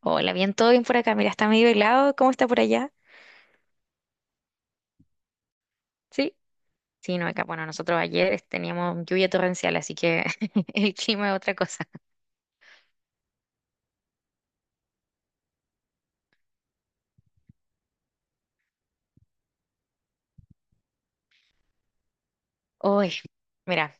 Hola, bien, todo bien por acá. Mira, está medio helado. ¿Cómo está por allá? Sí. Sí, no, acá, bueno, nosotros ayer teníamos lluvia torrencial, así que el clima es otra cosa. Hoy, mira,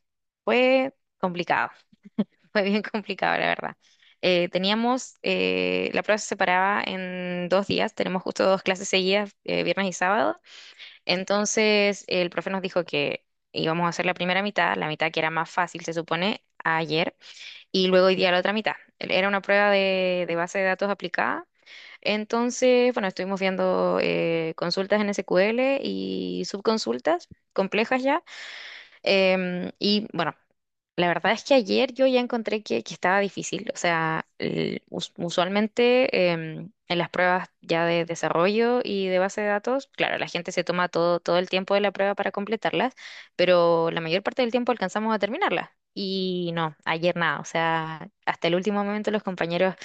fue complicado, fue bien complicado, la verdad. Teníamos, la prueba se separaba en dos días, tenemos justo dos clases seguidas, viernes y sábado. Entonces, el profe nos dijo que íbamos a hacer la primera mitad, la mitad que era más fácil, se supone, ayer. Y luego hoy día la otra mitad. Era una prueba de base de datos aplicada. Entonces, bueno, estuvimos viendo consultas en SQL y subconsultas complejas ya. Y bueno, la verdad es que ayer yo ya encontré que estaba difícil. O sea, usualmente en las pruebas ya de desarrollo y de base de datos, claro, la gente se toma todo, todo el tiempo de la prueba para completarlas, pero la mayor parte del tiempo alcanzamos a terminarlas. Y no, ayer nada. O sea, hasta el último momento los compañeros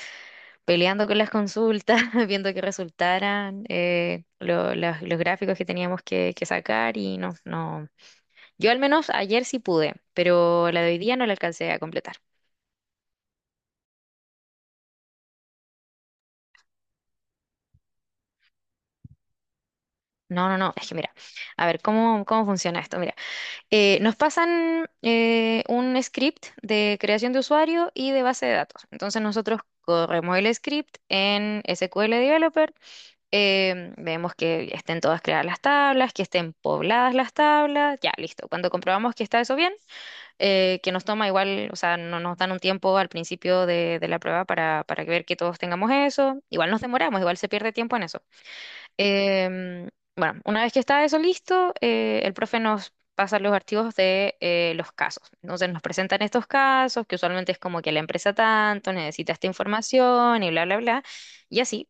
peleando con las consultas, viendo que resultaran los gráficos que teníamos que sacar y no, no. Yo al menos ayer sí pude, pero la de hoy día no la alcancé a completar. No, no, no, es que mira, a ver, ¿cómo, cómo funciona esto? Mira, nos pasan un script de creación de usuario y de base de datos. Entonces nosotros corremos el script en SQL Developer, vemos que estén todas creadas las tablas, que estén pobladas las tablas, ya, listo. Cuando comprobamos que está eso bien, que nos toma igual, o sea, no nos dan un tiempo al principio de la prueba para ver que todos tengamos eso. Igual nos demoramos, igual se pierde tiempo en eso. Em, bueno, una vez que está eso listo, el profe nos pasa los archivos de los casos. Entonces nos presentan estos casos, que usualmente es como que la empresa tanto necesita esta información y bla, bla, bla. Y así.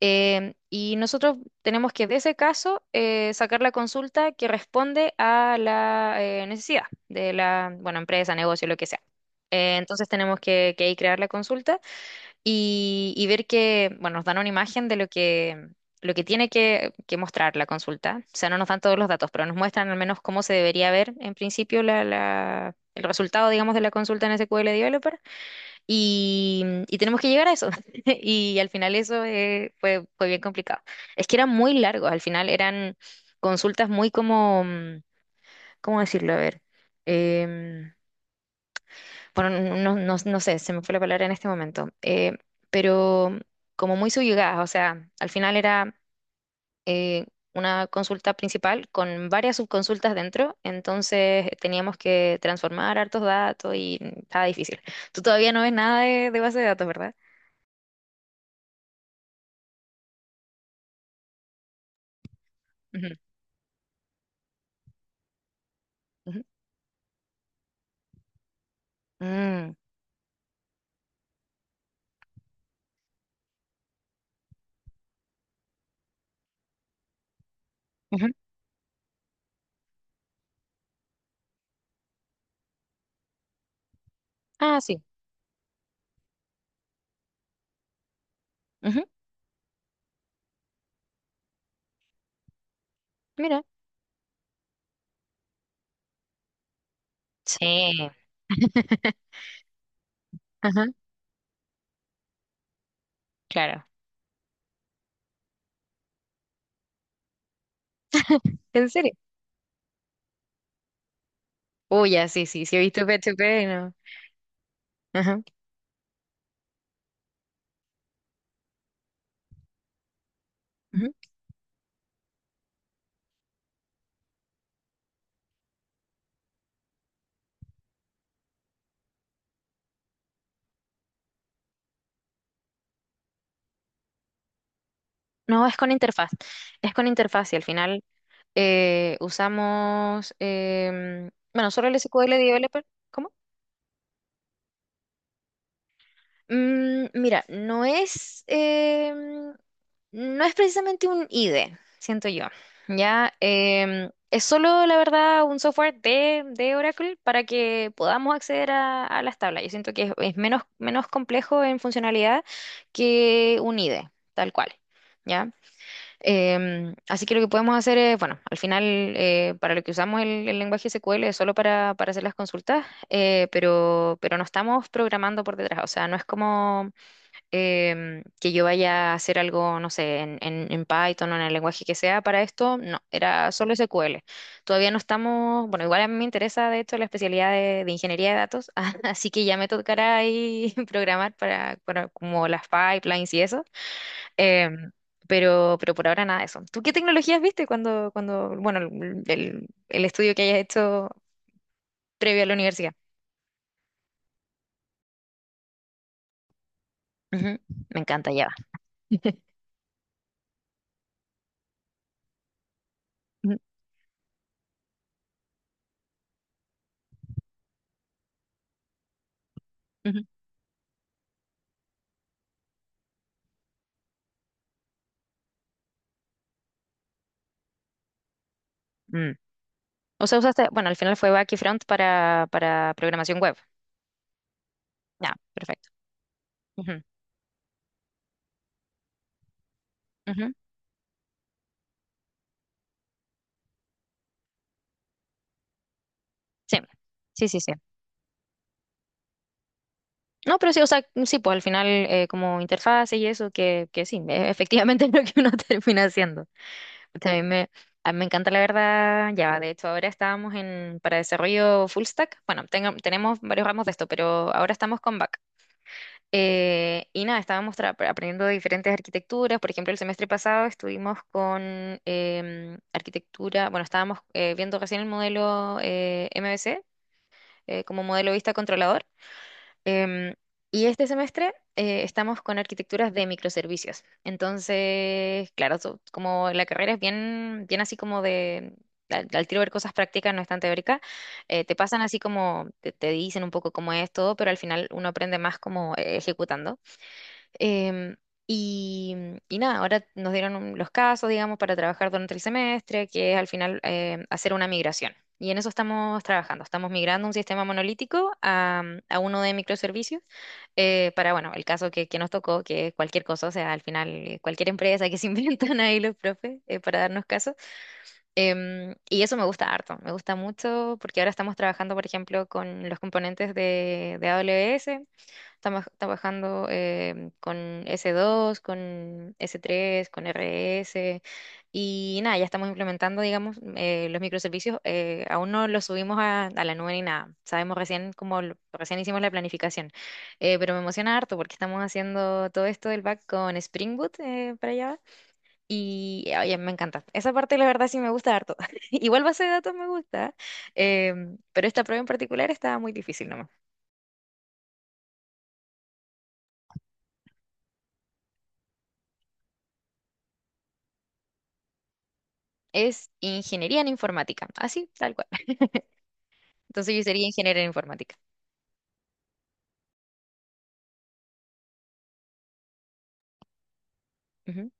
Y nosotros tenemos que, de ese caso, sacar la consulta que responde a la necesidad de la, bueno, empresa, negocio, lo que sea. Entonces tenemos que ahí crear la consulta y ver que, bueno, nos dan una imagen de lo que tiene que mostrar la consulta. O sea, no nos dan todos los datos, pero nos muestran al menos cómo se debería ver en principio la, el resultado, digamos, de la consulta en SQL Developer. Y tenemos que llegar a eso. Y al final eso fue, fue bien complicado. Es que eran muy largos, al final eran consultas muy como, ¿cómo decirlo? A ver, em, bueno, no, sé, se me fue la palabra en este momento, pero como muy subyugadas, o sea, al final era eh, una consulta principal con varias subconsultas dentro, entonces teníamos que transformar hartos datos y estaba difícil. Tú todavía no ves nada de base de datos, ¿verdad? Ujú, ujú. Mm, ujú. Ah, sí. Ujú. Mira. Sí. Ajá, claro. ¿En serio? Uy, ya, sí, sí, sí, he visto PHP, no. Ajá, ujú. No, es con interfaz. Es con interfaz y al final usamos, bueno, solo el SQL Developer. ¿Cómo? Mira, no es, no es precisamente un IDE, siento yo. Ya. Es solo, la verdad, un software de Oracle para que podamos acceder a las tablas. Yo siento que es menos, menos complejo en funcionalidad que un IDE, tal cual. ¿Ya? Así que lo que podemos hacer es, bueno, al final para lo que usamos el lenguaje SQL es solo para hacer las consultas, pero no estamos programando por detrás, o sea, no es como que yo vaya a hacer algo, no sé, en, en Python o en el lenguaje que sea para esto, no, era solo SQL. Todavía no estamos, bueno, igual a mí me interesa de hecho la especialidad de ingeniería de datos, así que ya me tocará ahí programar para como las pipelines y eso. Em, pero por ahora nada de eso. ¿Tú qué tecnologías viste cuando, cuando, bueno, el, el estudio que hayas hecho previo a la universidad? Ujú. Me encanta, Java. Ujú, ujú. Mm. O sea, usaste, bueno, al final fue back y front para programación web. Ya, perfecto. Ujú, ujú. Sí, sí, sí, sí. No, pero sí, o sea, mm, sí, pues al final como interfaces y eso, que sí, efectivamente es lo que uno termina haciendo. También me, a mí me encanta la verdad ya. De hecho, ahora estábamos en, para desarrollo full stack. Bueno, tenemos varios ramos de esto, pero ahora estamos con back. Y nada, estábamos aprendiendo de diferentes arquitecturas. Por ejemplo, el semestre pasado estuvimos con arquitectura, bueno, estábamos viendo recién el modelo MVC como modelo vista controlador. Em, y este semestre estamos con arquitecturas de microservicios. Entonces, claro, como la carrera es bien, bien así como de, al, al tiro ver cosas prácticas, no es tan teórica, te pasan así como, te dicen un poco cómo es todo, pero al final uno aprende más como ejecutando. Em, y, y nada, ahora nos dieron los casos, digamos, para trabajar durante el semestre, que es al final hacer una migración. Y en eso estamos trabajando. Estamos migrando un sistema monolítico a, a uno de microservicios para, bueno, el caso que nos tocó, que es cualquier cosa, o sea, al final cualquier empresa que se inventan ahí los profes para darnos caso. Y eso me gusta harto, me gusta mucho porque ahora estamos trabajando, por ejemplo, con los componentes de AWS. Estamos trabajando con S2, con S3, con RS y nada, ya estamos implementando, digamos, los microservicios. Aún no los subimos a la nube ni nada. Sabemos recién como recién hicimos la planificación. Pero me emociona harto porque estamos haciendo todo esto del back con Spring Boot para allá y oye, me encanta. Esa parte la verdad sí me gusta harto. Igual base de datos me gusta, pero esta prueba en particular estaba muy difícil. Es ingeniería en informática, así, tal cual. Entonces yo sería ingeniera en informática. Ujú,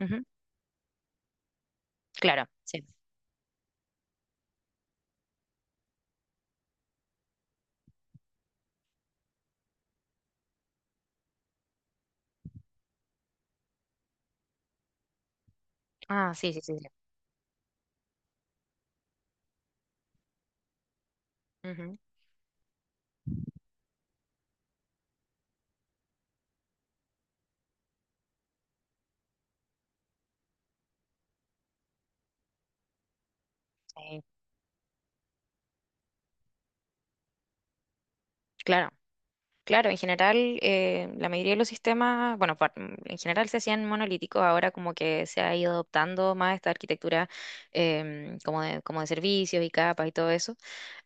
ujú, ujú. Claro, sí. Ah, sí, sí, sí. Sí. Ujú, sí, claro. Claro, en general, la mayoría de los sistemas, bueno, en general se hacían monolíticos, ahora como que se ha ido adoptando más esta arquitectura como de servicios y capas y todo eso.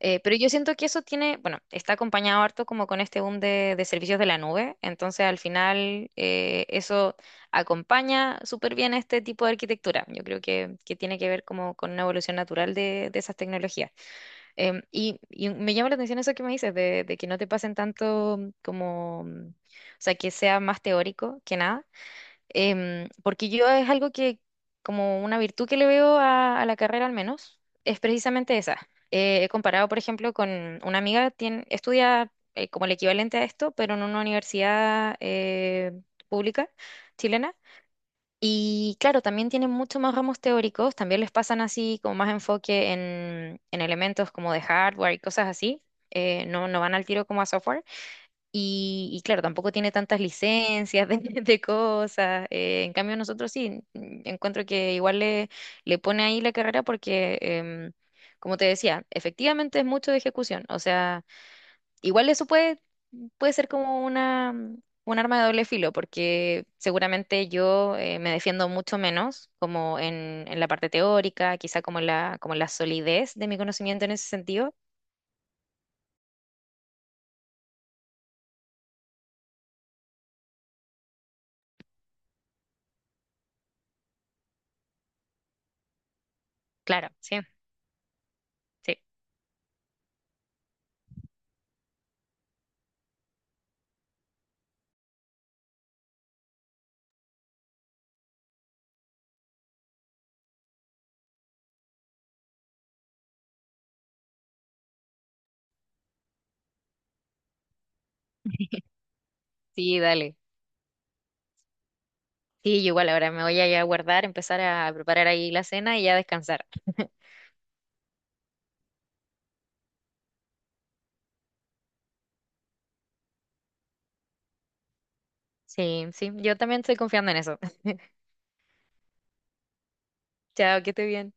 Pero yo siento que eso tiene, bueno, está acompañado harto como con este boom de servicios de la nube, entonces al final eso acompaña súper bien este tipo de arquitectura. Yo creo que tiene que ver como con una evolución natural de esas tecnologías. Y me llama la atención eso que me dices, de que no te pasen tanto como, mm, o sea, que sea más teórico que nada. Porque yo es algo que, como una virtud que le veo a la carrera al menos, es precisamente esa. He comparado, por ejemplo, con una amiga, tiene, estudia como el equivalente a esto, pero en una universidad pública chilena. Y claro, también tienen mucho más ramos teóricos, también les pasan así como más enfoque en elementos como de hardware y cosas así. No, no van al tiro como a software. Y claro, tampoco tiene tantas licencias de, de cosas. En cambio, nosotros sí, encuentro que igual le, le pone ahí la carrera porque, como te decía, efectivamente es mucho de ejecución. O sea... Igual eso puede, puede ser como una, un arma de doble filo, porque seguramente yo me defiendo mucho menos como en la parte teórica, quizá como en la solidez de mi conocimiento en ese sentido. Claro, sí, sí, sí, dale. Sí, yo igual ahora me voy a ir a guardar, empezar a preparar ahí la cena y ya descansar. Sí, sí, yo también estoy confiando en eso. Chao, que esté bien.